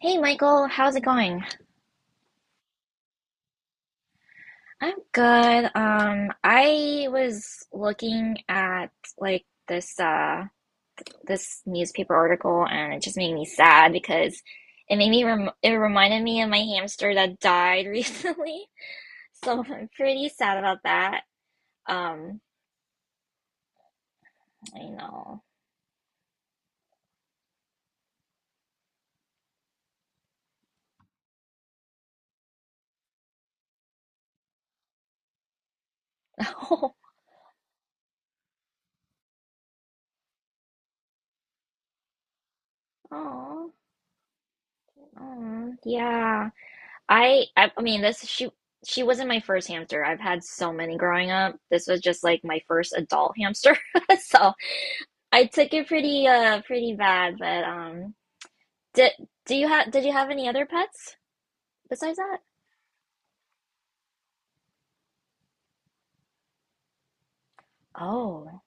Hey Michael, how's it going? I'm good. I was looking at like this this newspaper article, and it just made me sad because it made me reminded me of my hamster that died recently. So I'm pretty sad about that. Um, I know. Oh, oh, yeah. I mean, this she wasn't my first hamster. I've had so many growing up. This was just like my first adult hamster. So I took it pretty pretty bad, but did do you have any other pets besides that? Oh.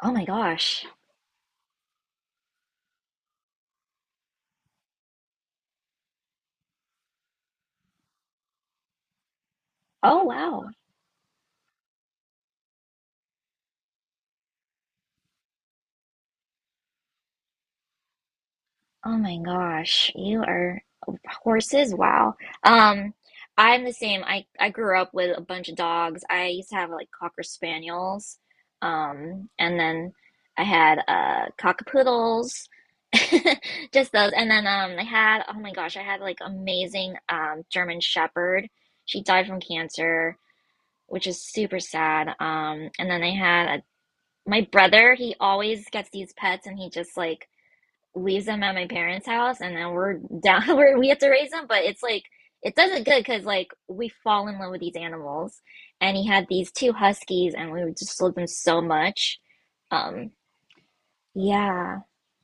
Oh my gosh. Oh wow. Oh my gosh, you are horses. Wow. Um, I'm the same. I grew up with a bunch of dogs. I used to have like cocker spaniels, and then I had cockapoodles, just those. And then I had oh my gosh, I had like amazing German Shepherd. She died from cancer, which is super sad. And then I had my brother. He always gets these pets, and he just like leaves them at my parents' house, and then we're down where we have to raise them. But it's like it does not good because like we fall in love with these animals, and he had these two huskies, and we just loved them so much. Um, yeah.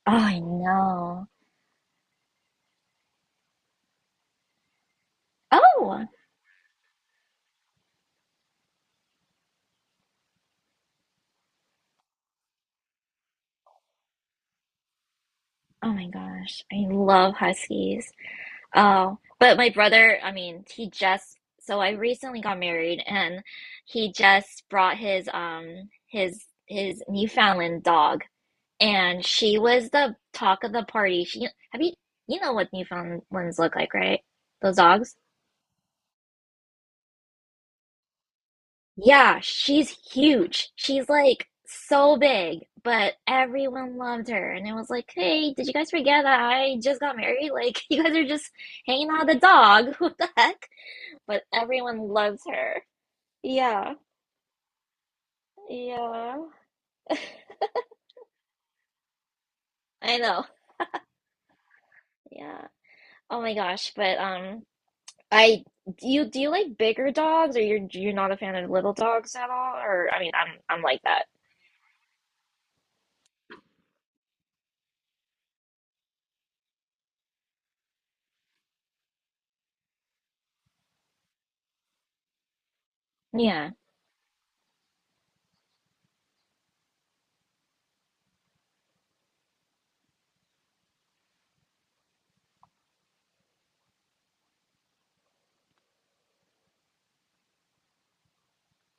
Oh, I know. Oh, oh my gosh, I love huskies. Oh, but my brother, I mean, he just so I recently got married, and he just brought his his Newfoundland dog, and she was the talk of the party. She have you you know what Newfoundlands look like, right? Those dogs. Yeah, she's huge. She's like so big, but everyone loved her, and it was like, hey, did you guys forget that I just got married? Like, you guys are just hanging out with a dog. What the heck? But everyone loves her. Yeah, yeah, I know. Yeah. Oh my gosh, but. I do you like bigger dogs, or you're not a fan of little dogs at all? Or I mean, I'm like that. Yeah.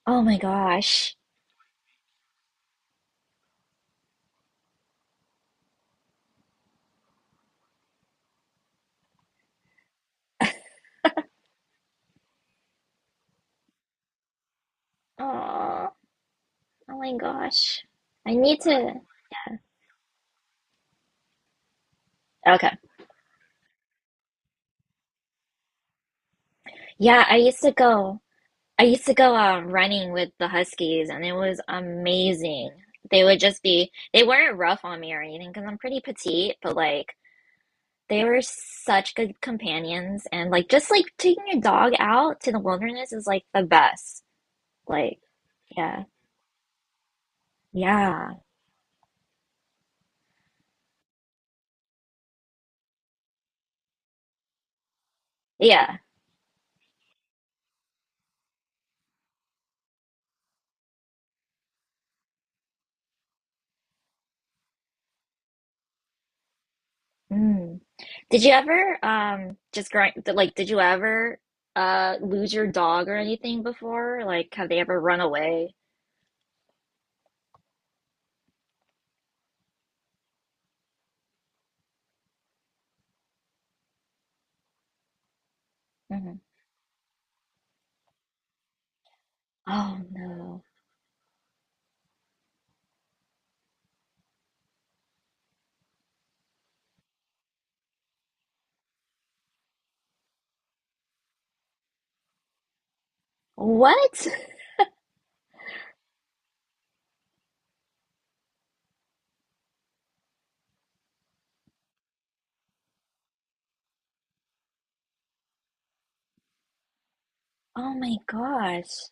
Oh my gosh. Oh, oh my gosh. I need to. Okay. Yeah, I used to go. I used to go running with the Huskies, and it was amazing. They would just be. They weren't rough on me or anything because I'm pretty petite, but like they were such good companions, and like just like taking your dog out to the wilderness is like the best. Like. Yeah. Yeah. Yeah. Mm. Did you ever just growing like did you ever lose your dog or anything before? Like have they ever run away? Hmm. Oh no. What? Oh my gosh.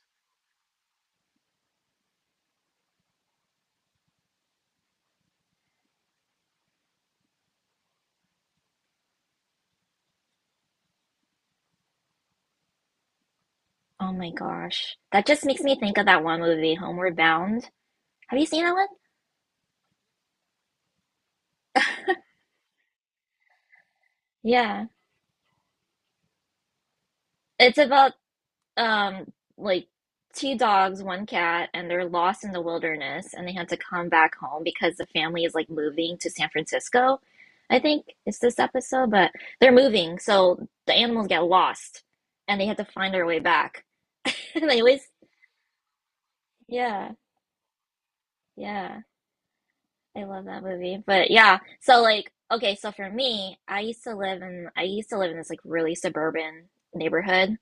Oh my gosh. That just makes me think of that one movie, Homeward Bound. Have you seen that one? Yeah. It's about um like two dogs, one cat, and they're lost in the wilderness, and they had to come back home because the family is like moving to San Francisco. I think it's this episode, but they're moving, so the animals get lost and they have to find their way back. And they always yeah, yeah. I love that movie. But yeah, so like okay, so for me, I used to live in this like really suburban neighborhood,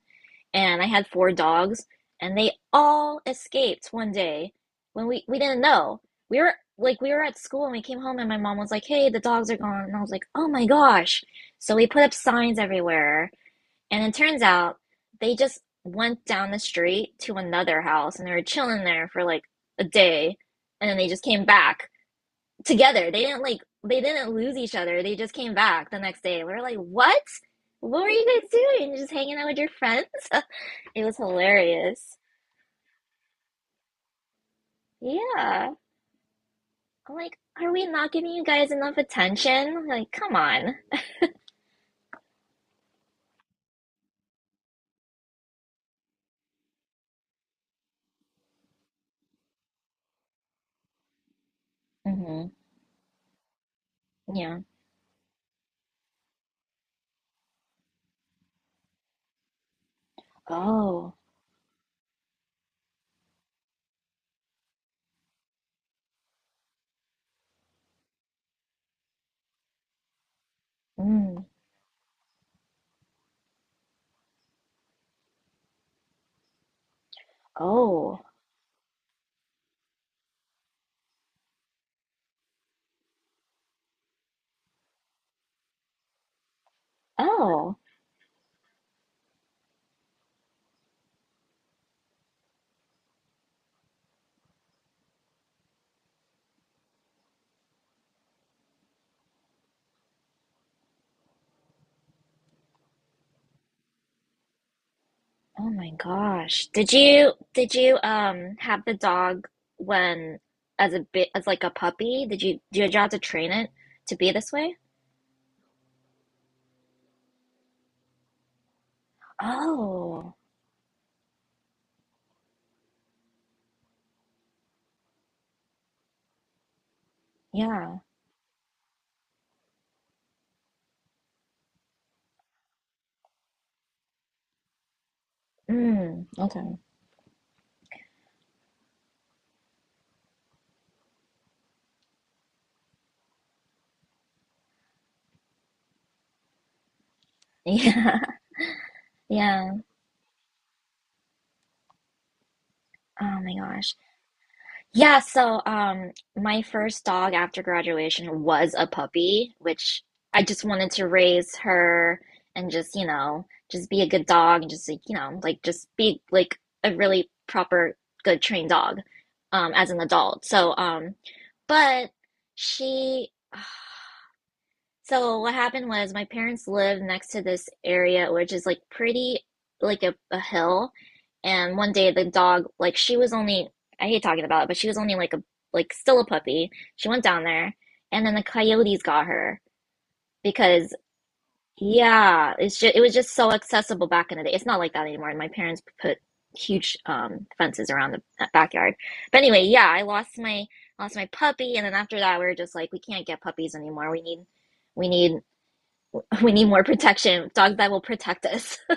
and I had four dogs, and they all escaped 1 day when we didn't know. We were like we were at school, and we came home and my mom was like, "Hey, the dogs are gone," and I was like, "Oh my gosh!" So we put up signs everywhere, and it turns out they just went down the street to another house, and they were chilling there for like a day, and then they just came back together. They didn't like they didn't lose each other. They just came back the next day. We were like, "What? What were you guys doing? Just hanging out with your friends?" It was hilarious. Yeah. I'm like, are we not giving you guys enough attention? Like, come on. Hmm. Yeah. Oh. Mm. Oh. Oh. Oh my gosh. Did you have the dog when as a bit as like a puppy? Did you have to train it to be this way? Oh. Yeah. Mm. Okay. Yeah. Yeah. Oh my gosh. Yeah, so my first dog after graduation was a puppy, which I just wanted to raise her and just, you know, just be a good dog and just like, you know, like just be like a really proper good trained dog as an adult. So but she so what happened was my parents live next to this area, which is like pretty like a hill. And 1 day the dog, like I hate talking about it, but she was only like a like still a puppy. She went down there, and then the coyotes got her because yeah, it's just it was just so accessible back in the day. It's not like that anymore. And my parents put huge fences around the backyard. But anyway, yeah, I lost my puppy, and then after that we were just like, we can't get puppies anymore. We need we need more protection, dogs that will protect us.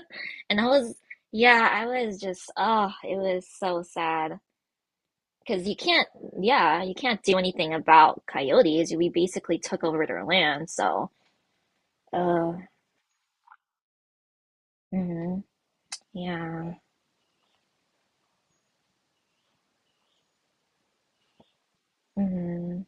And I was, yeah, I was just, oh, it was so sad. Because you can't, yeah, you can't do anything about coyotes. We basically took over their land, so, uh, hmm yeah, hmm.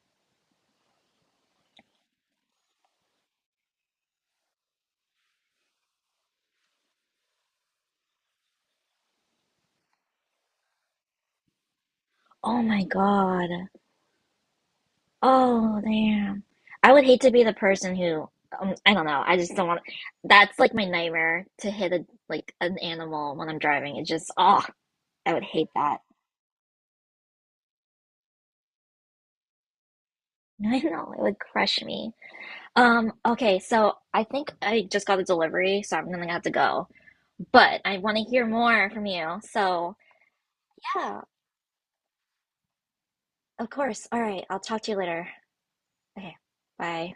Oh my God. Oh, damn. I would hate to be the person who, I don't know, I just don't want, to. That's like my nightmare to hit a, like an animal when I'm driving. It just, oh, I would hate that. I know, it would crush me. Okay, so I think I just got a delivery, so I'm gonna have to go. But I want to hear more from you. So, yeah, of course. All right, I'll talk to you later. Okay, bye.